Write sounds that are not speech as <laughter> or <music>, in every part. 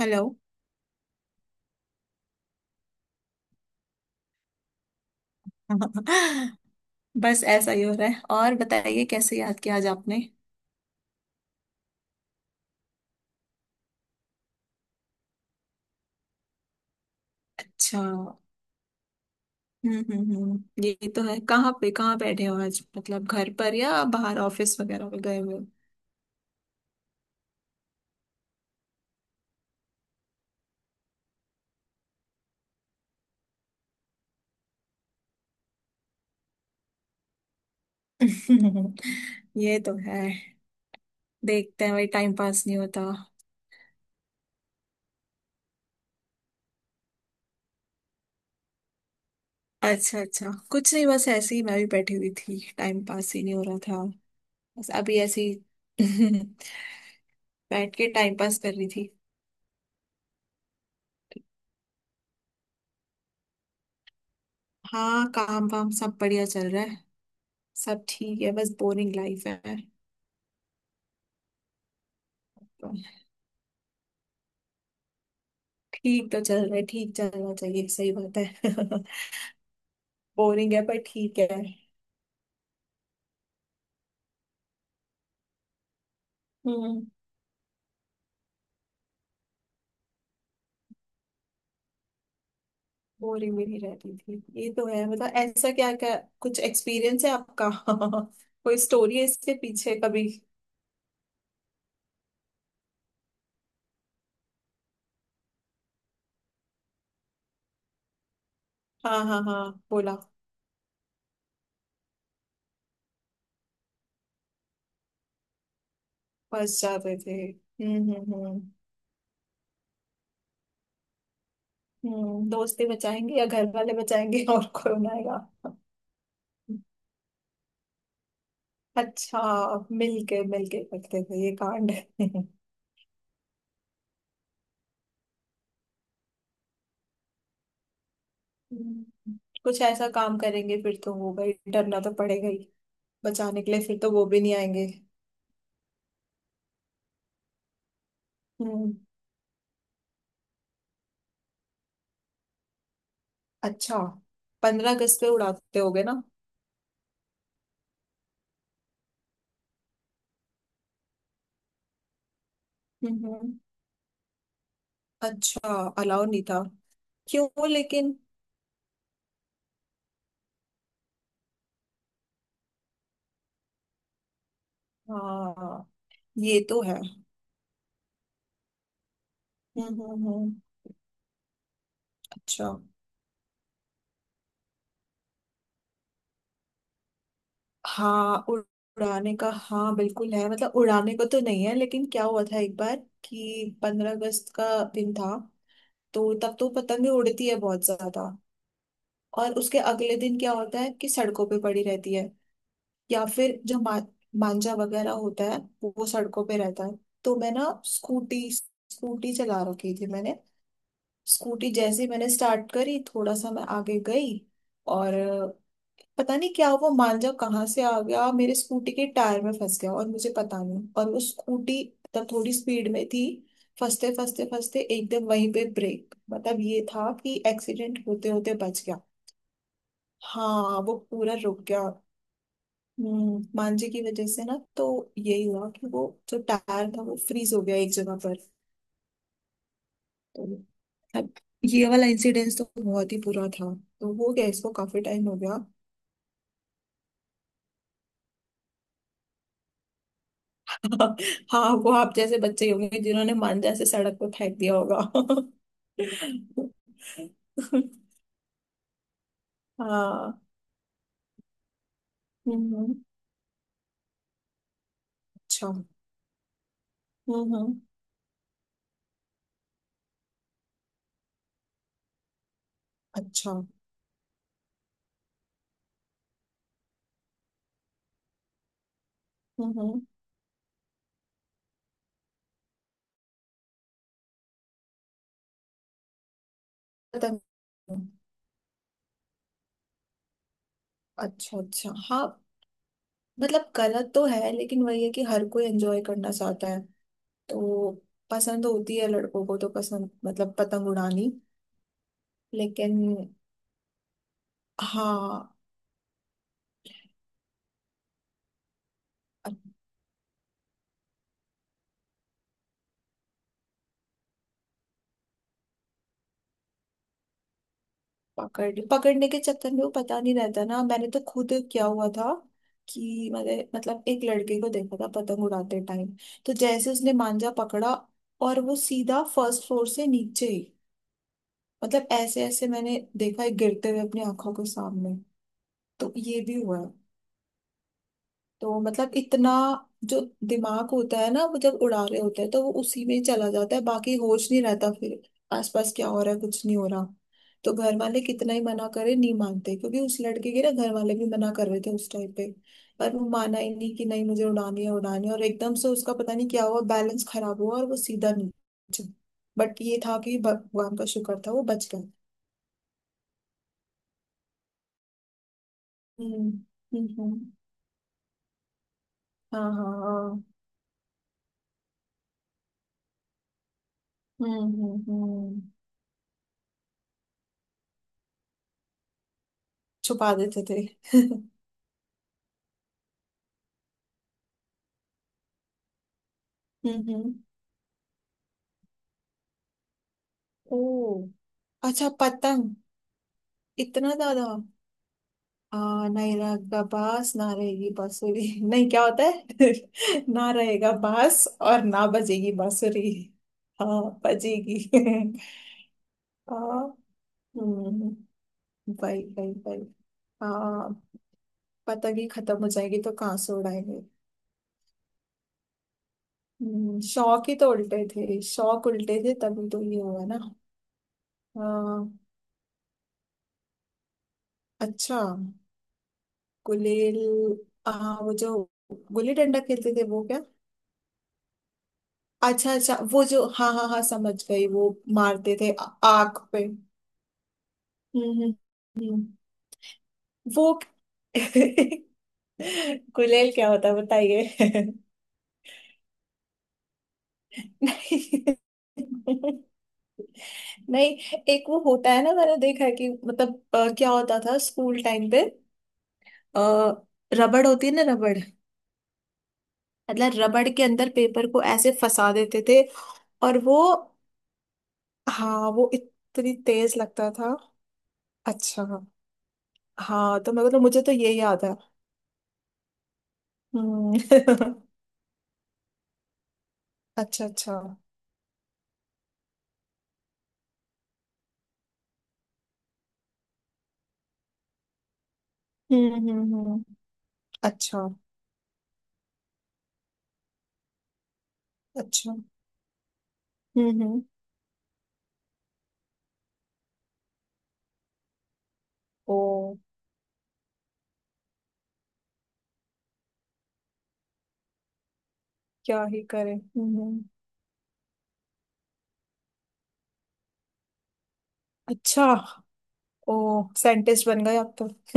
Hello. <laughs> बस ऐसा ही हो रहा है। और बताइए, कैसे याद किया आज आपने? अच्छा। हम्म। ये तो है। कहाँ पे कहाँ बैठे हो आज, मतलब घर पर या बाहर ऑफिस वगैरह में गए हुए हो? <laughs> ये तो है। देखते हैं भाई, टाइम पास नहीं होता। अच्छा अच्छा। कुछ नहीं, बस ऐसे ही मैं भी बैठी हुई थी, टाइम पास ही नहीं हो रहा था। बस अभी ऐसे ही <laughs> बैठ के टाइम पास कर रही थी। हाँ, काम वाम सब बढ़िया चल रहा है। सब ठीक है, बस बोरिंग लाइफ है। ठीक तो चल रहा है, ठीक चलना चाहिए, सही बात है। <laughs> बोरिंग है पर ठीक है। हम्म। बोरिंग भी नहीं रहती थी, ये तो है। मतलब ऐसा क्या क्या कुछ एक्सपीरियंस है आपका? <laughs> कोई स्टोरी है इसके पीछे कभी? हाँ हाँ हाँ, बोला। फंस जाते थे। हम्म। हम्म, दोस्ती बचाएंगे या घर वाले बचाएंगे? <laughs> और कौन आएगा? अच्छा, मिलके मिलके करते थे ये कांड। <laughs> हम्म, कुछ ऐसा काम करेंगे फिर तो होगा ही, डरना तो पड़ेगा। बचाने के लिए फिर तो वो भी नहीं आएंगे। हम्म। अच्छा, पंद्रह अगस्त पे उड़ाते होगे ना। हम्म हम्म। अच्छा, अलाउ नहीं था? क्यों लेकिन? हाँ, ये तो है। हम्म हम्म हम्म। अच्छा। हाँ, उड़ाने का हाँ बिल्कुल है, मतलब उड़ाने को तो नहीं है, लेकिन क्या हुआ था एक बार कि पंद्रह अगस्त का दिन था। तो तब तो पतंगे उड़ती है बहुत ज्यादा, और उसके अगले दिन क्या होता है कि सड़कों पे पड़ी रहती है, या फिर जो मांझा वगैरह होता है वो सड़कों पे रहता है। तो मैं ना स्कूटी स्कूटी चला रखी थी मैंने, स्कूटी जैसे ही मैंने स्टार्ट करी थोड़ा सा मैं आगे गई, और पता नहीं क्या वो मांझा कहाँ से आ गया, मेरे स्कूटी के टायर में फंस गया, और मुझे पता नहीं, और वो स्कूटी तब थोड़ी स्पीड में थी, फंसते फंसते फंसते एकदम वहीं पे ब्रेक, मतलब ये था कि एक्सीडेंट होते होते बच गया। हाँ, वो पूरा रुक गया। मांझे की वजह से ना, तो यही हुआ कि वो जो टायर था वो फ्रीज हो गया एक जगह पर। तो अब ये वाला इंसिडेंस तो बहुत ही बुरा था, तो हो गया, इसको काफी टाइम हो गया। <laughs> हाँ, वो आप जैसे बच्चे ही होंगे जिन्होंने मांझा से सड़क पर फेंक दिया होगा। <laughs> हाँ। हम्म। अच्छा। हम्म हम्म, अच्छा। हम्म। पतंग। अच्छा अच्छा, हाँ। मतलब गलत तो है, लेकिन वही है कि हर कोई एंजॉय करना चाहता है। तो पसंद होती है लड़कों को, तो पसंद मतलब पतंग उड़ानी, लेकिन हाँ। पकड़ने के चक्कर में वो पता नहीं रहता ना, मैंने तो खुद क्या हुआ था कि मैंने मतलब एक लड़के को देखा था पतंग उड़ाते टाइम, तो जैसे उसने मांजा पकड़ा, और वो सीधा फर्स्ट फ्लोर से नीचे ही, मतलब ऐसे ऐसे मैंने देखा है गिरते हुए अपनी आंखों के सामने। तो ये भी हुआ है। तो मतलब इतना जो दिमाग होता है ना, वो जब उड़ा रहे होते हैं तो वो उसी में चला जाता है, बाकी होश नहीं रहता फिर आसपास क्या हो रहा है, कुछ नहीं हो रहा। तो घर वाले कितना ही मना करे, नहीं मानते, क्योंकि उस लड़के के ना घर वाले भी मना कर रहे थे उस टाइम पे, पर वो माना ही नहीं कि नहीं मुझे उड़ानी है उड़ानी है, और एकदम से उसका पता नहीं क्या हुआ, बैलेंस खराब हुआ और वो सीधा नीचे। बट ये था कि भगवान का शुक्र था वो बच गया। हम्म हम्म हम्म, हाँ हाँ हाँ। हम्म। छुपा देते थे। <laughs> हम्म। ओ। अच्छा, पतंग? इतना ज्यादा? नहीं रहेगा बास ना रहेगी बांसुरी। <laughs> नहीं, क्या होता है? <laughs> ना रहेगा बास और ना बजेगी बांसुरी। हाँ, बजेगी। <laughs> आ, हम्म। भाई भाई भाई। आ, पतंग ही खत्म हो जाएगी तो कहाँ से उड़ाएंगे? शौक ही तो उल्टे थे, शौक उल्टे थे, तभी तो ये हुआ ना। आ, अच्छा, गुलेल। आ, वो जो गुल्ली डंडा खेलते थे वो क्या? अच्छा अच्छा, वो जो हाँ हाँ हाँ, समझ गई। वो मारते थे आँख पे? हम्म हम्म हम्म। वो <laughs> गुलेल क्या होता है बताइए। <laughs> नहीं, नहीं, एक वो होता है ना, मैंने देखा है कि मतलब क्या होता था स्कूल टाइम पे, आ, रबड़ होती है ना, रबड़। मतलब रबड़ के अंदर पेपर को ऐसे फंसा देते थे और वो। हाँ, वो इतनी तेज लगता था। अच्छा, हाँ। तो मतलब मुझे तो ये याद है। हम्म। <laughs> अच्छा अच्छा। हम्म। अच्छा अच्छा। हम्म। ओ। क्या ही करे। अच्छा। ओ, साइंटिस्ट बन गए आप तो। <laughs>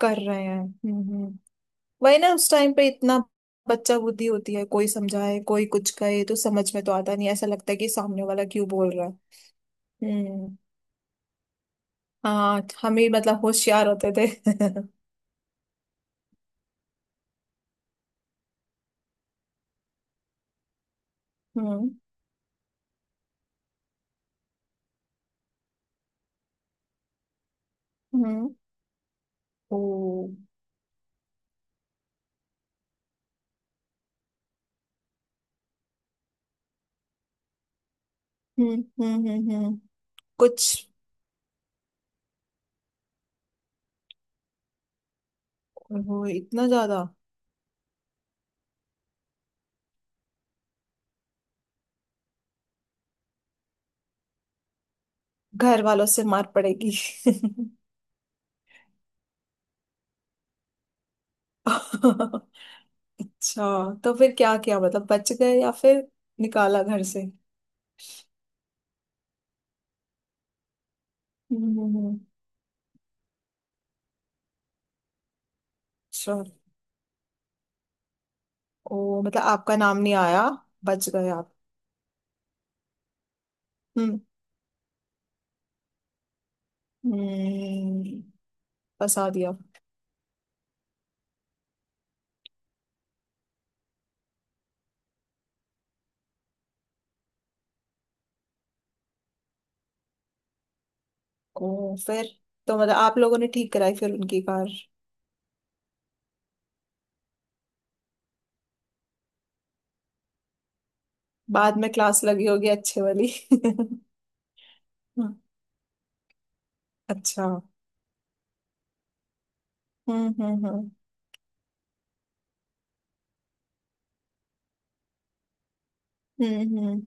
कर रहे हैं। हम्म। वही ना, उस टाइम पे इतना बच्चा बुद्धि होती है, कोई समझाए कोई कुछ कहे तो समझ में तो आता नहीं, ऐसा लगता है कि सामने वाला क्यों बोल रहा है। हम्म। हाँ, हम ही मतलब होशियार होते थे। <laughs> हम्म। हम्म। ओ। हम्म हम्म हम्म हम्म। कुछ। वो इतना ज्यादा। घर वालों से मार पड़ेगी। <laughs> अच्छा, तो फिर क्या किया, मतलब बच गए या फिर निकाला घर से? हम्म हम्म, हम्म। अच्छा। ओ, मतलब आपका नाम नहीं आया? बच गए आप। हम्म। हम्म। फंसा दिया। ओ फिर, तो मतलब आप लोगों ने ठीक कराई फिर उनकी कार? बाद में क्लास लगी होगी अच्छे वाली। <laughs> अच्छा। हम्म। हम्म हम्म।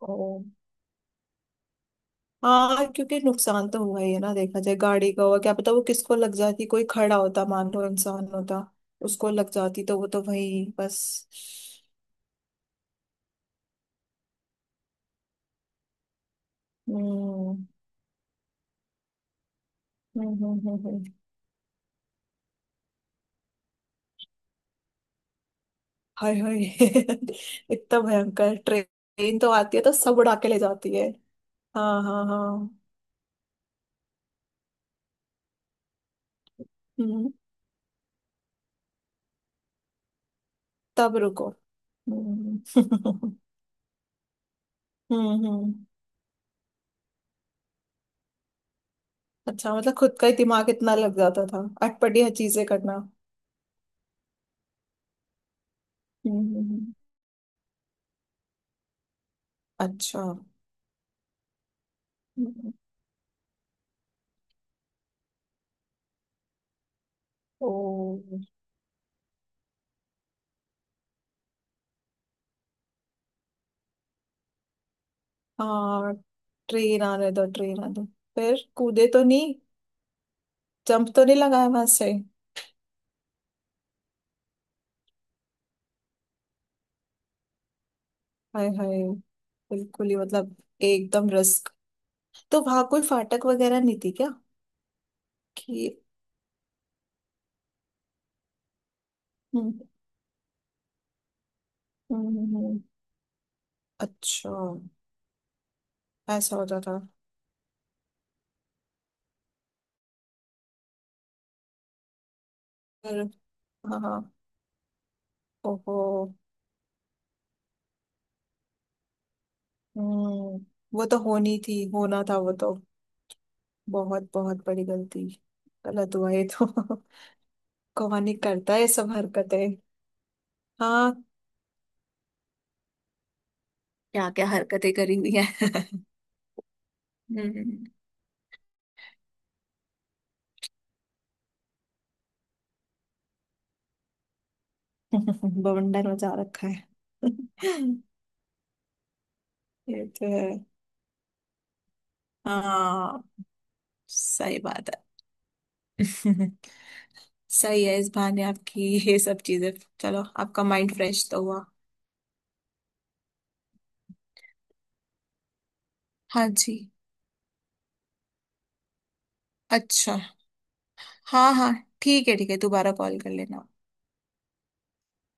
ओ। हाँ, क्योंकि नुकसान तो हुआ ही है ना, देखा जाए गाड़ी का हुआ, क्या पता वो किसको लग जाती, कोई खड़ा होता, मान लो इंसान होता, उसको लग जाती तो वो तो वही बस। हम्म हम्म हम्म, हम्म, हम्म। हाय हाय। <laughs> इतना भयंकर, ट्रेन तो आती है तो सब उड़ा के ले जाती है। हाँ हाँ हाँ। हम्म, तब रुको। हम्म। <laughs> हम्म हम्म। अच्छा, मतलब खुद का ही दिमाग इतना लग जाता था, अटपटी हर चीजें करना। हम्म, हम्म। अच्छा। हम्म। ओ। हाँ, ट्रेन आने दो, ट्रेन आने दो। फिर कूदे तो नहीं? जंप तो नहीं लगाया वहां से? हाय हाय, बिल्कुल ही मतलब एकदम रिस्क। तो वहां कोई फाटक वगैरह नहीं थी क्या, कि? हम्म हम्म, हम्म, हम्म। अच्छा, ऐसा होता था फिर? हाँ हाँ। ओहो। हम्म। वो तो होनी थी, होना था वो तो, बहुत बहुत बड़ी गलती, गलत हुआ ये तो। <laughs> कौन ही करता है ये सब हरकतें। हाँ, क्या क्या हरकतें करी हुई है। हम्म। <laughs> बवंडर मचा रखा है। <laughs> ये तो है। हाँ, सही बात है। <laughs> सही है, इस बहाने आपकी ये सब चीजें, चलो आपका माइंड फ्रेश तो हुआ। हाँ जी। अच्छा, हाँ हाँ, ठीक है ठीक है, दोबारा कॉल कर लेना।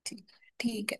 ठीक ठीक है।